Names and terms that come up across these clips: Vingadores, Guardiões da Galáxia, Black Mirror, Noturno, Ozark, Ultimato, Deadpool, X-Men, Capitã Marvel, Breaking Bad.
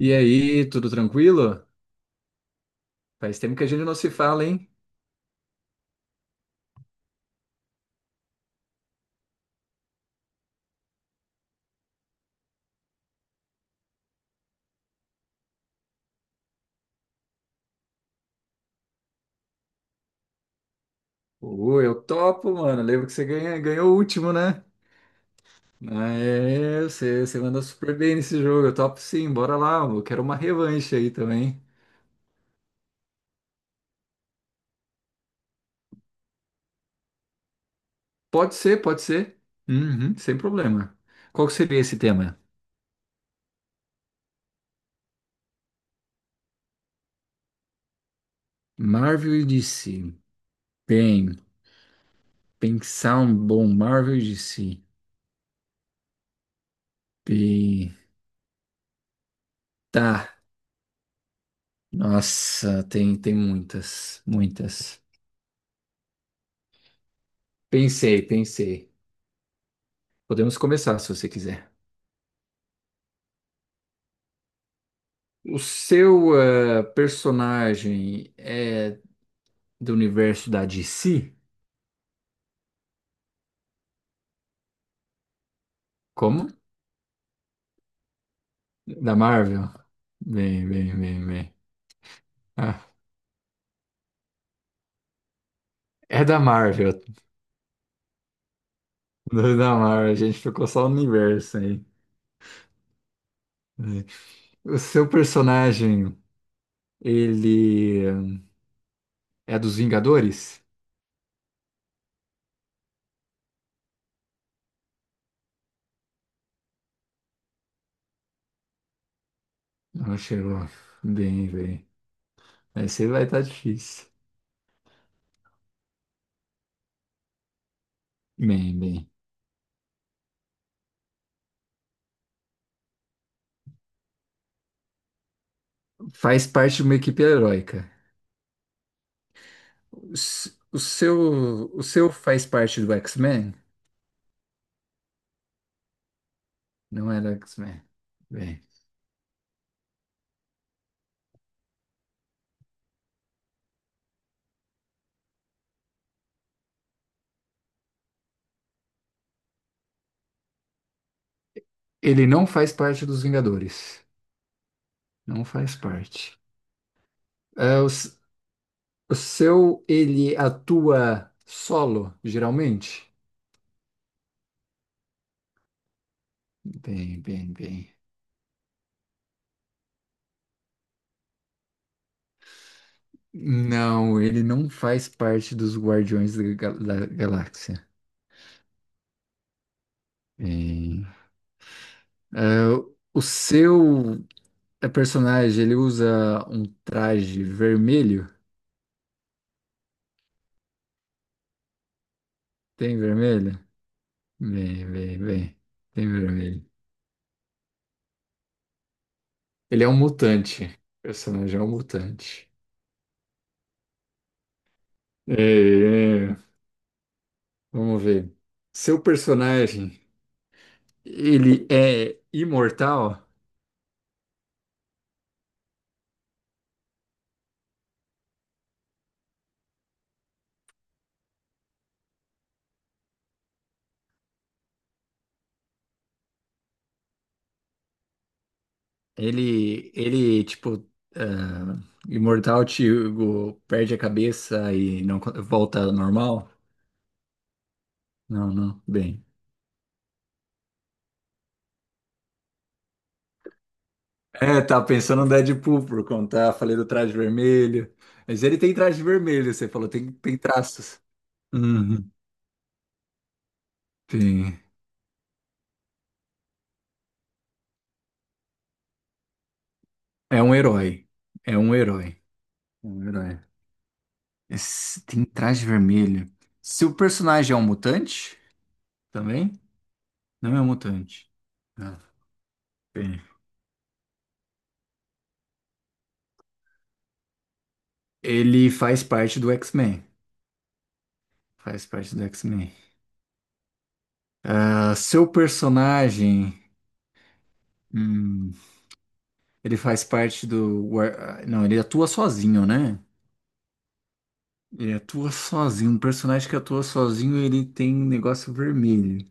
E aí, tudo tranquilo? Faz tempo que a gente não se fala, hein? Ô, eu topo, mano. Lembro que ganhou o último, né? Ah, é, você manda super bem nesse jogo. Eu topo sim, bora lá. Eu quero uma revanche aí também. Pode ser. Uhum, sem problema. Qual que seria esse tema? Marvel e DC. Bem, pensar um bom Marvel e DC. Bem, tá. Nossa, tem muitas, muitas. Pensei, pensei. Podemos começar se você quiser. O seu personagem é do universo da DC? Como? Da Marvel? Bem, bem, bem, bem. Ah, é da Marvel. Não é da Marvel, a gente ficou só no universo aí. O seu personagem, ele é dos Vingadores? Não chegou. Bem, bem. Esse vai estar difícil. Bem, bem. Faz parte de uma equipe heróica. O seu faz parte do X-Men? Não é do X-Men. Bem, ele não faz parte dos Vingadores. Não faz parte. É, o seu, ele atua solo, geralmente? Bem, bem, bem. Não, ele não faz parte dos da Galáxia. Bem, é, o seu personagem, ele usa um traje vermelho? Tem vermelho? Bem, bem, bem. Tem vermelho. Ele é um mutante. O personagem é um mutante. É, é. Vamos ver. Seu personagem, ele é imortal? Ele tipo, ah, imortal, tipo, perde a cabeça e não co- volta ao normal? Não, não. Bem. É, tá pensando no Deadpool por conta, falei do traje vermelho. Mas ele tem traje vermelho, você falou, tem, tem traços. Uhum. Tem. É um herói. É um herói. É um herói. Esse- tem traje vermelho. Se o personagem é um mutante, também? Não é um mutante. Ah, bem. Ele faz parte do X-Men. Faz parte do X-Men. Ah, seu personagem, hum, ele faz parte do ah, não, ele atua sozinho, né? Ele atua sozinho. Um personagem que atua sozinho, ele tem um negócio vermelho.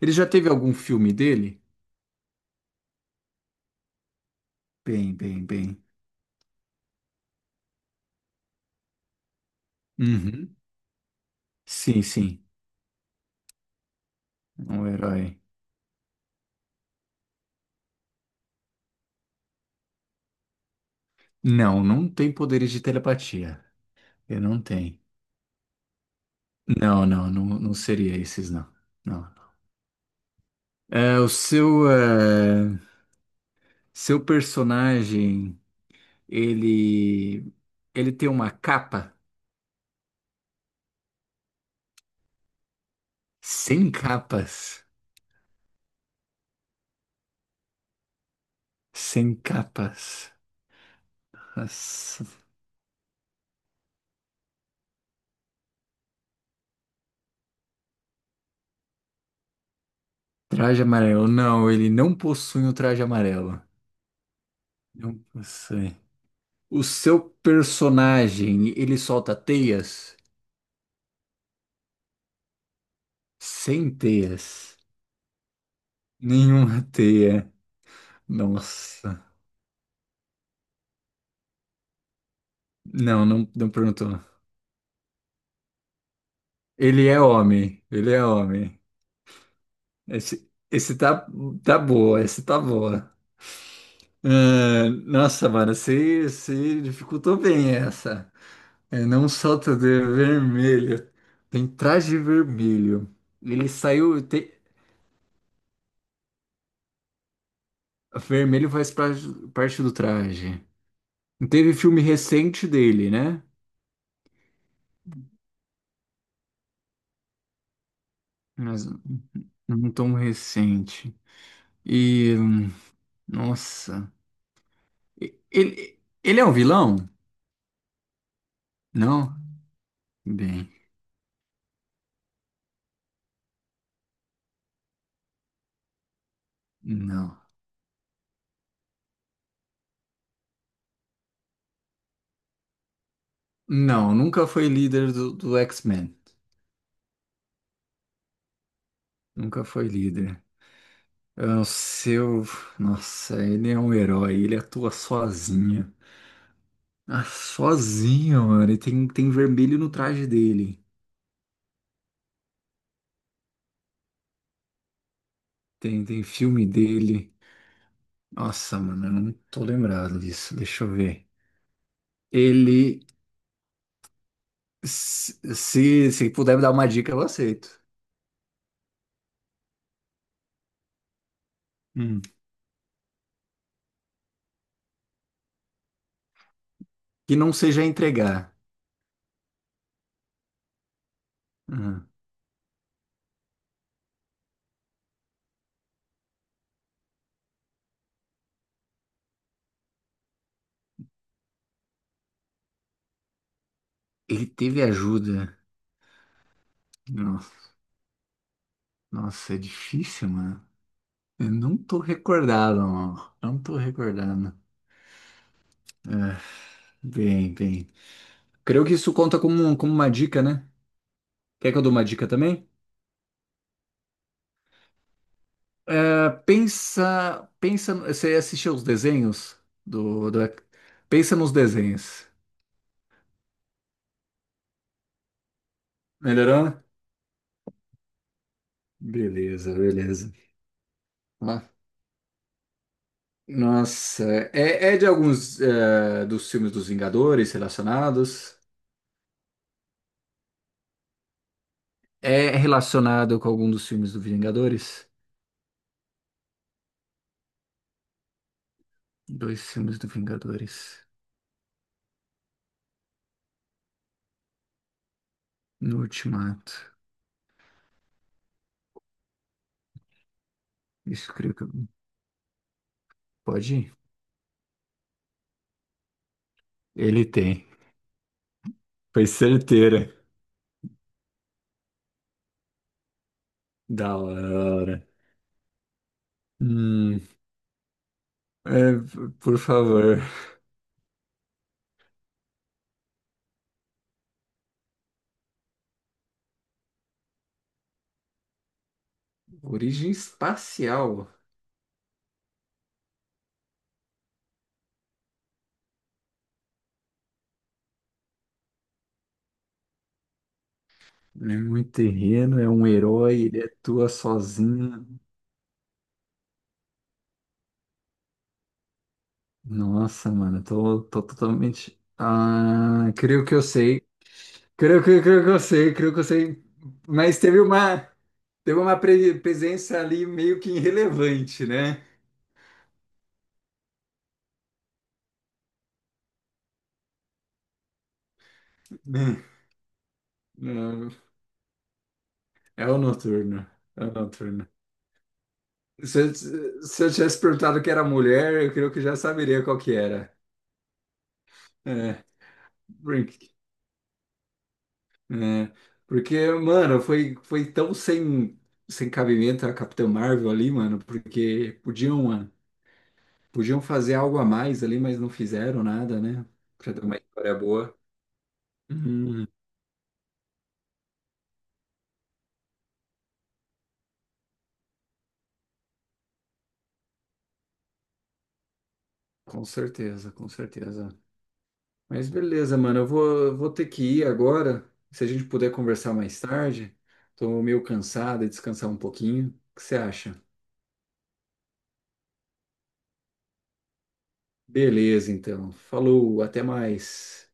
Ele já teve algum filme dele? Bem, bem, bem. Uhum. Sim, sim. Um herói. Não, não tem poderes de telepatia. Ele não tem. Não seria esses, não. Não. É, é, seu personagem, ele, ele tem uma capa? Sem capas. Sem capas. Nossa. Traje amarelo. Não, ele não possui um traje amarelo. Não possui. O seu personagem, ele solta teias? Sem teias. Nenhuma teia. Nossa. Não, não, não perguntou. Ele é homem. Ele é homem. Esse, esse tá, tá boa, esse tá boa. Ah, nossa, mano, você dificultou bem essa. É, não solta de vermelho. Tem traje vermelho. Ele saiu. Vermelho parte do traje. Não teve filme recente dele, né? Mas não tão recente. E. Nossa. Ele é um vilão? Não? Bem, não. Não, nunca foi líder do X-Men. Nunca foi líder. É o seu. Nossa, ele é um herói. Ele atua sozinho. Ah, sozinho, mano. E tem vermelho no traje dele. Tem, tem filme dele. Nossa, mano, eu não tô lembrado disso. Deixa eu ver. Ele. Se se puder me dar uma dica, eu aceito. Hum. Que não seja entregar. Ah. Ele teve ajuda. Nossa, nossa, é difícil, mano. Eu não tô recordado, mano. Não tô recordando. É, bem, bem. Creio que isso conta como, como uma dica, né? Quer que eu dou uma dica também? É, pensa, pensa. Você assistiu os desenhos do. Pensa nos desenhos. Melhorou? Beleza, beleza. Lá. Nossa, é de alguns é, dos filmes dos Vingadores relacionados. É relacionado com algum dos filmes do Vingadores? Dois filmes do Vingadores. No Ultimato. Isso creio que. Pode ir? Ele tem. Foi certeira. Da hora. Hum, é, por favor. Origem espacial. Ele é muito terreno, é um herói, ele atua sozinho. Nossa, mano, tô totalmente. Ah, creio que eu sei. Creio que eu sei. Mas teve uma. Teve uma presença ali meio que irrelevante, né? Não, é o Noturno. É o Noturno. Se eu tivesse perguntado que era mulher, eu creio que já saberia qual que era. É, porque, é, porque, mano, foi tão sem, sem cabimento a Capitã Marvel ali, mano, porque podiam, mano, podiam fazer algo a mais ali, mas não fizeram nada, né? Pra dar uma história boa. Uhum, com certeza, com certeza. Mas beleza, mano. Vou ter que ir agora. Se a gente puder conversar mais tarde, tô meio cansado e descansar um pouquinho. O que você acha? Beleza, então. Falou, até mais.